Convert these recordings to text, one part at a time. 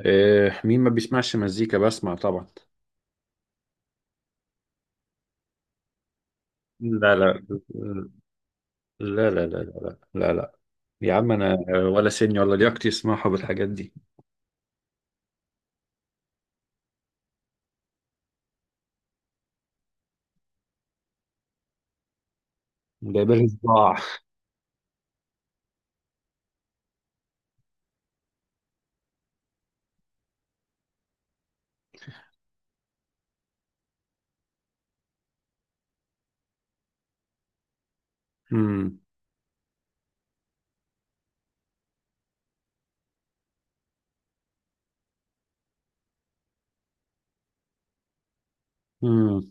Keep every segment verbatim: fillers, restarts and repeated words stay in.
إيه، مين ما بيسمعش مزيكا؟ بسمع طبعا. لا لا لا لا لا لا لا لا لا يا عم انا، ولا سني ولا لياقتي يسمعوا بالحاجات دي. جايبالي صداع. امم امم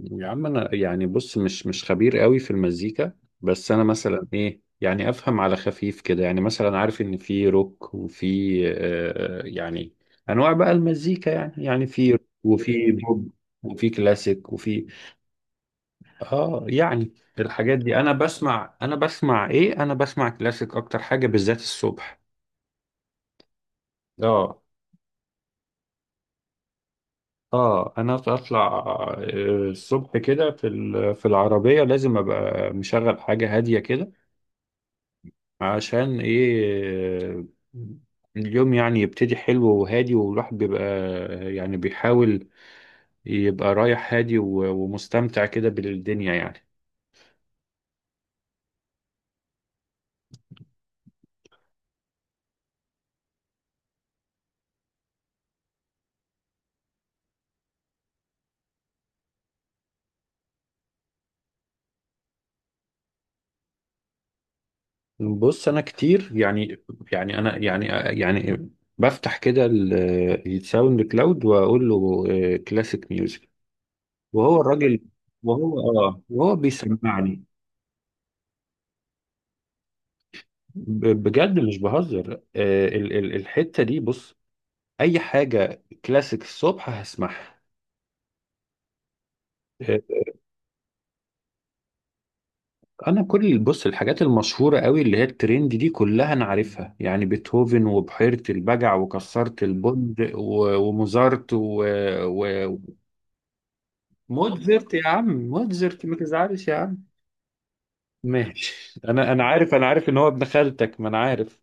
يا عم انا يعني، بص، مش مش خبير قوي في المزيكا، بس انا مثلا ايه يعني، افهم على خفيف كده، يعني مثلا عارف ان في روك وفي آه يعني انواع بقى المزيكا، يعني يعني في روك وفي بوب وفي كلاسيك وفي اه يعني الحاجات دي. انا بسمع انا بسمع ايه انا بسمع كلاسيك اكتر حاجة بالذات الصبح. اه اه، انا اطلع آه، الصبح كده في ال- في العربية لازم ابقى مشغل حاجة هادية كده. عشان ايه؟ اليوم يعني يبتدي حلو وهادي، والواحد بيبقى يعني بيحاول يبقى رايح هادي و- ومستمتع كده بالدنيا يعني. بص، انا كتير يعني، يعني انا يعني يعني بفتح كده ال- الساوند كلاود واقول له كلاسيك ميوزك، وهو الراجل، وهو اه وهو بيسمعني. ب- بجد مش بهزر، آه، ال- ال- الحتة دي، بص، اي حاجة كلاسيك الصبح هسمعها. آه، انا كل، بص، الحاجات المشهورة قوي اللي هي الترند دي كلها انا عارفها، يعني بيتهوفن وبحيرة البجع وكسرت البند و- وموزارت و... و... موتزرت يا عم، موتزرت ما تزعلش يا عم. ماشي، انا انا عارف، انا عارف ان هو ابن خالتك، ما انا عارف.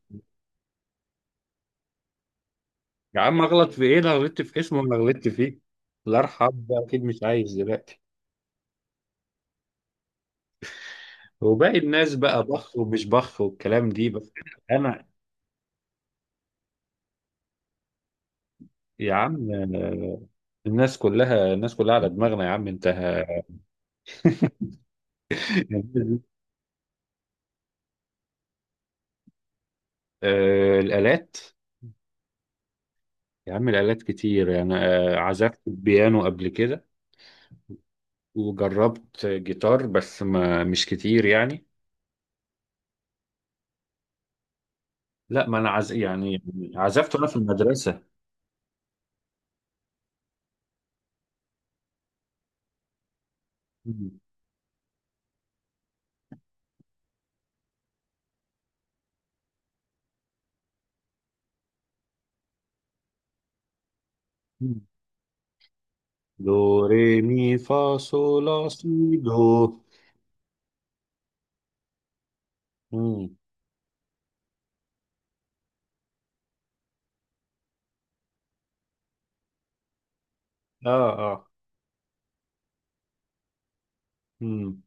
يا عم، اغلط في ايه؟ لا غلطت في اسمه ولا غلطت فيه، الله يرحمه ده اكيد مش عايش دلوقتي. وباقي الناس بقى بخ ومش بخ والكلام دي بس. انا يا عم، آه، الناس كلها الناس كلها على دماغنا يا عم انت. آه، الآلات. يا عم الآلات كتير يعني، آه، عزفت بيانو قبل كده، وجربت جيتار بس ما مش كتير يعني. لا ما انا عز... يعني عزفته انا في المدرسه. مم. مم. دو ري مي فا صول لا سي دو. مم. اه اه. مم.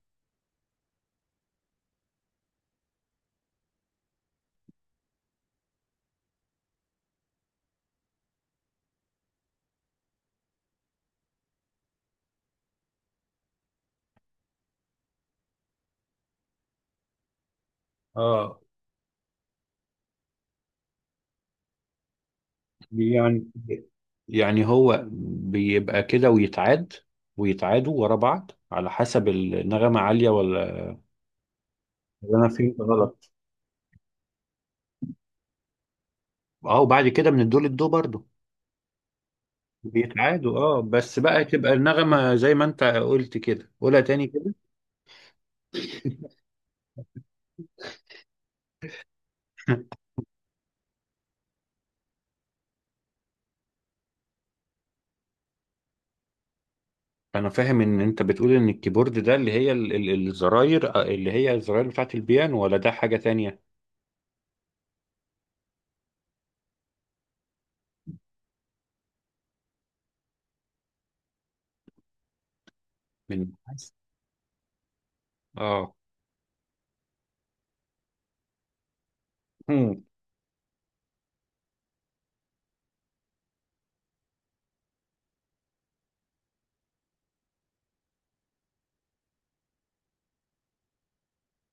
اه يعني، يعني هو بيبقى كده ويتعاد، ويتعادوا ورا بعض على حسب النغمه عاليه ولا، ولا انا فهمت غلط؟ اه، وبعد كده من الدو للدو برضه. بيتعادوا اه، بس بقى تبقى النغمه زي ما انت قلت كده، قولها تاني كده. انا فاهم ان انت بتقول ان الكيبورد ده اللي هي ال- ال- الزراير، آه، اللي هي الزراير بتاعت البيانو، ولا ده حاجة تانية؟ من بس. اه. مم.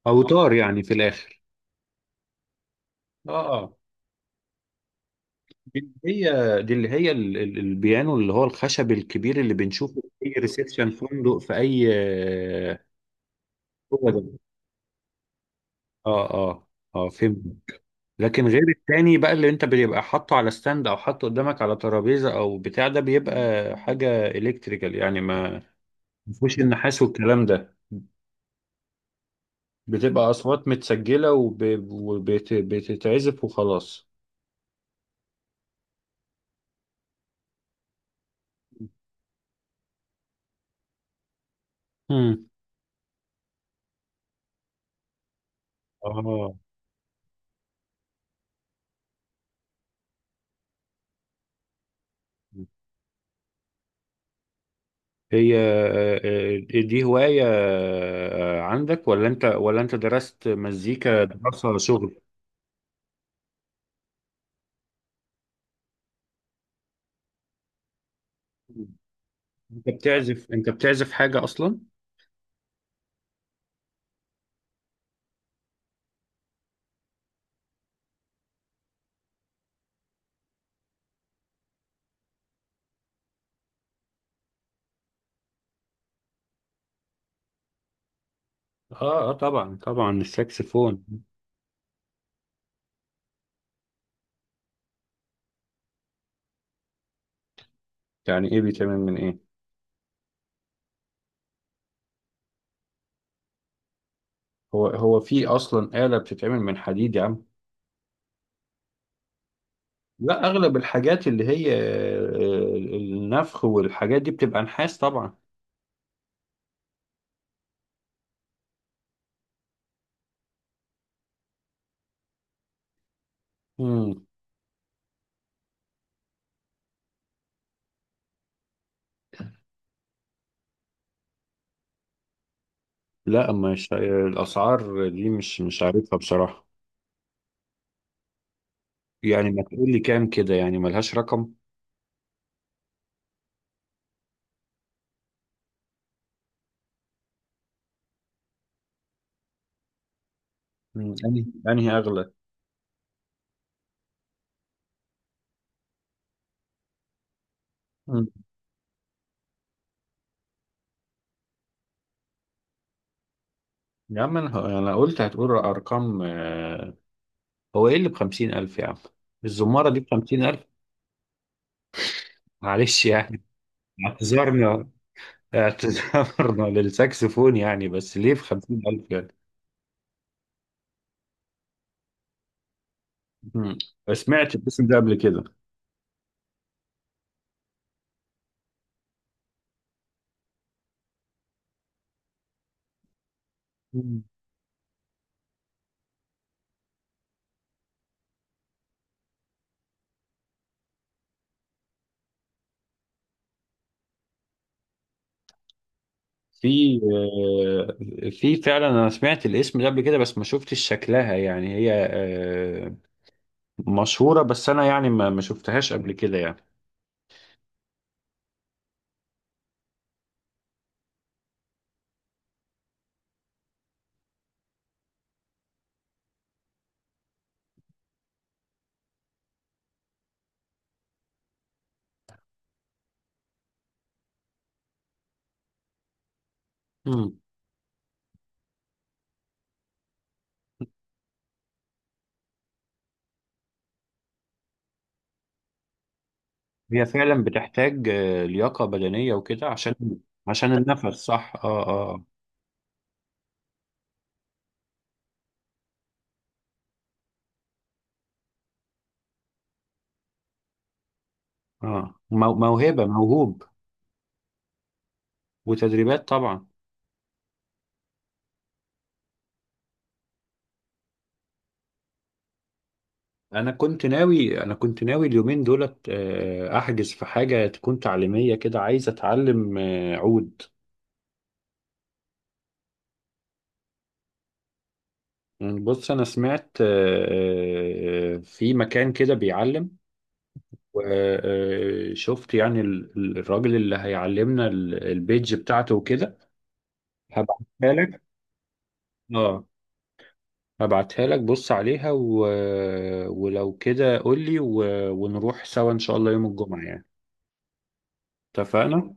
اوتار يعني في الاخر. اه اه. دي اللي هي دي اللي هي ال- ال- البيانو اللي هو الخشب الكبير اللي بنشوفه في اي ريسبشن فندق في اي آه، هو ده. اه اه، اه فهمت. لكن غير التاني بقى اللي انت بيبقى حاطه على ستاند او حاطه قدامك على ترابيزه او بتاع، ده بيبقى حاجه الكتريكال يعني، ما ما فيهوش النحاس والكلام ده، بتبقى اصوات متسجله وبتتعزف وخلاص. امم. اه. هي آه، آه، دي هوايه آه، عندك، ولا انت، ولا انت درست مزيكا دراسه شغل؟ انت بتعزف انت بتعزف حاجه اصلا؟ اه اه، طبعا طبعا، الساكسفون. يعني ايه بيتعمل من ايه؟ هو هو في اصلا آلة بتتعمل من حديد يا عم؟ لا، اغلب الحاجات اللي هي آه، النفخ والحاجات دي بتبقى نحاس طبعا. مم. لا، مش الاسعار دي مش مش عارفها بصراحه. يعني ما تقول لي كام كده، يعني ملهاش رقم؟ مم، انهي انهي اغلى؟ مم. يا عم انا، انا قلت هتقول ارقام آه، هو ايه اللي ب خمسين ألف يا عم؟ الزماره دي ب خمسين ألف؟ معلش يعني، اعتذرنا، اعتذرنا للساكسفون يعني. بس ليه في خمسين ألف يعني؟ مم. سمعت الاسم ده قبل كده. مم. في آه، في فعلا، انا سمعت الاسم ده قبل كده بس ما شفتش شكلها، يعني هي آه، مشهورة، بس أنا يعني ما ما شفتهاش قبل كده يعني. مم. هي فعلا بتحتاج آه، لياقة بدنية وكده، عشان عشان النفس، صح، اه اه. اه آه. مو- موهبة، موهوب، وتدريبات طبعا. أنا كنت ناوي أنا كنت ناوي اليومين دولت آه، أحجز في حاجة تكون تعليمية كده، عايز أتعلم آه، عود. يعني بص، أنا سمعت آه، آه، في مكان كده بيعلم، وشفت يعني ال- ال- الراجل اللي هيعلمنا ال- البيج بتاعته وكده، هبعتها لك. اه، هبعتها لك، بص عليها و... ولو كده قول لي و... ونروح سوا ان شاء الله يوم الجمعة يعني. اتفقنا.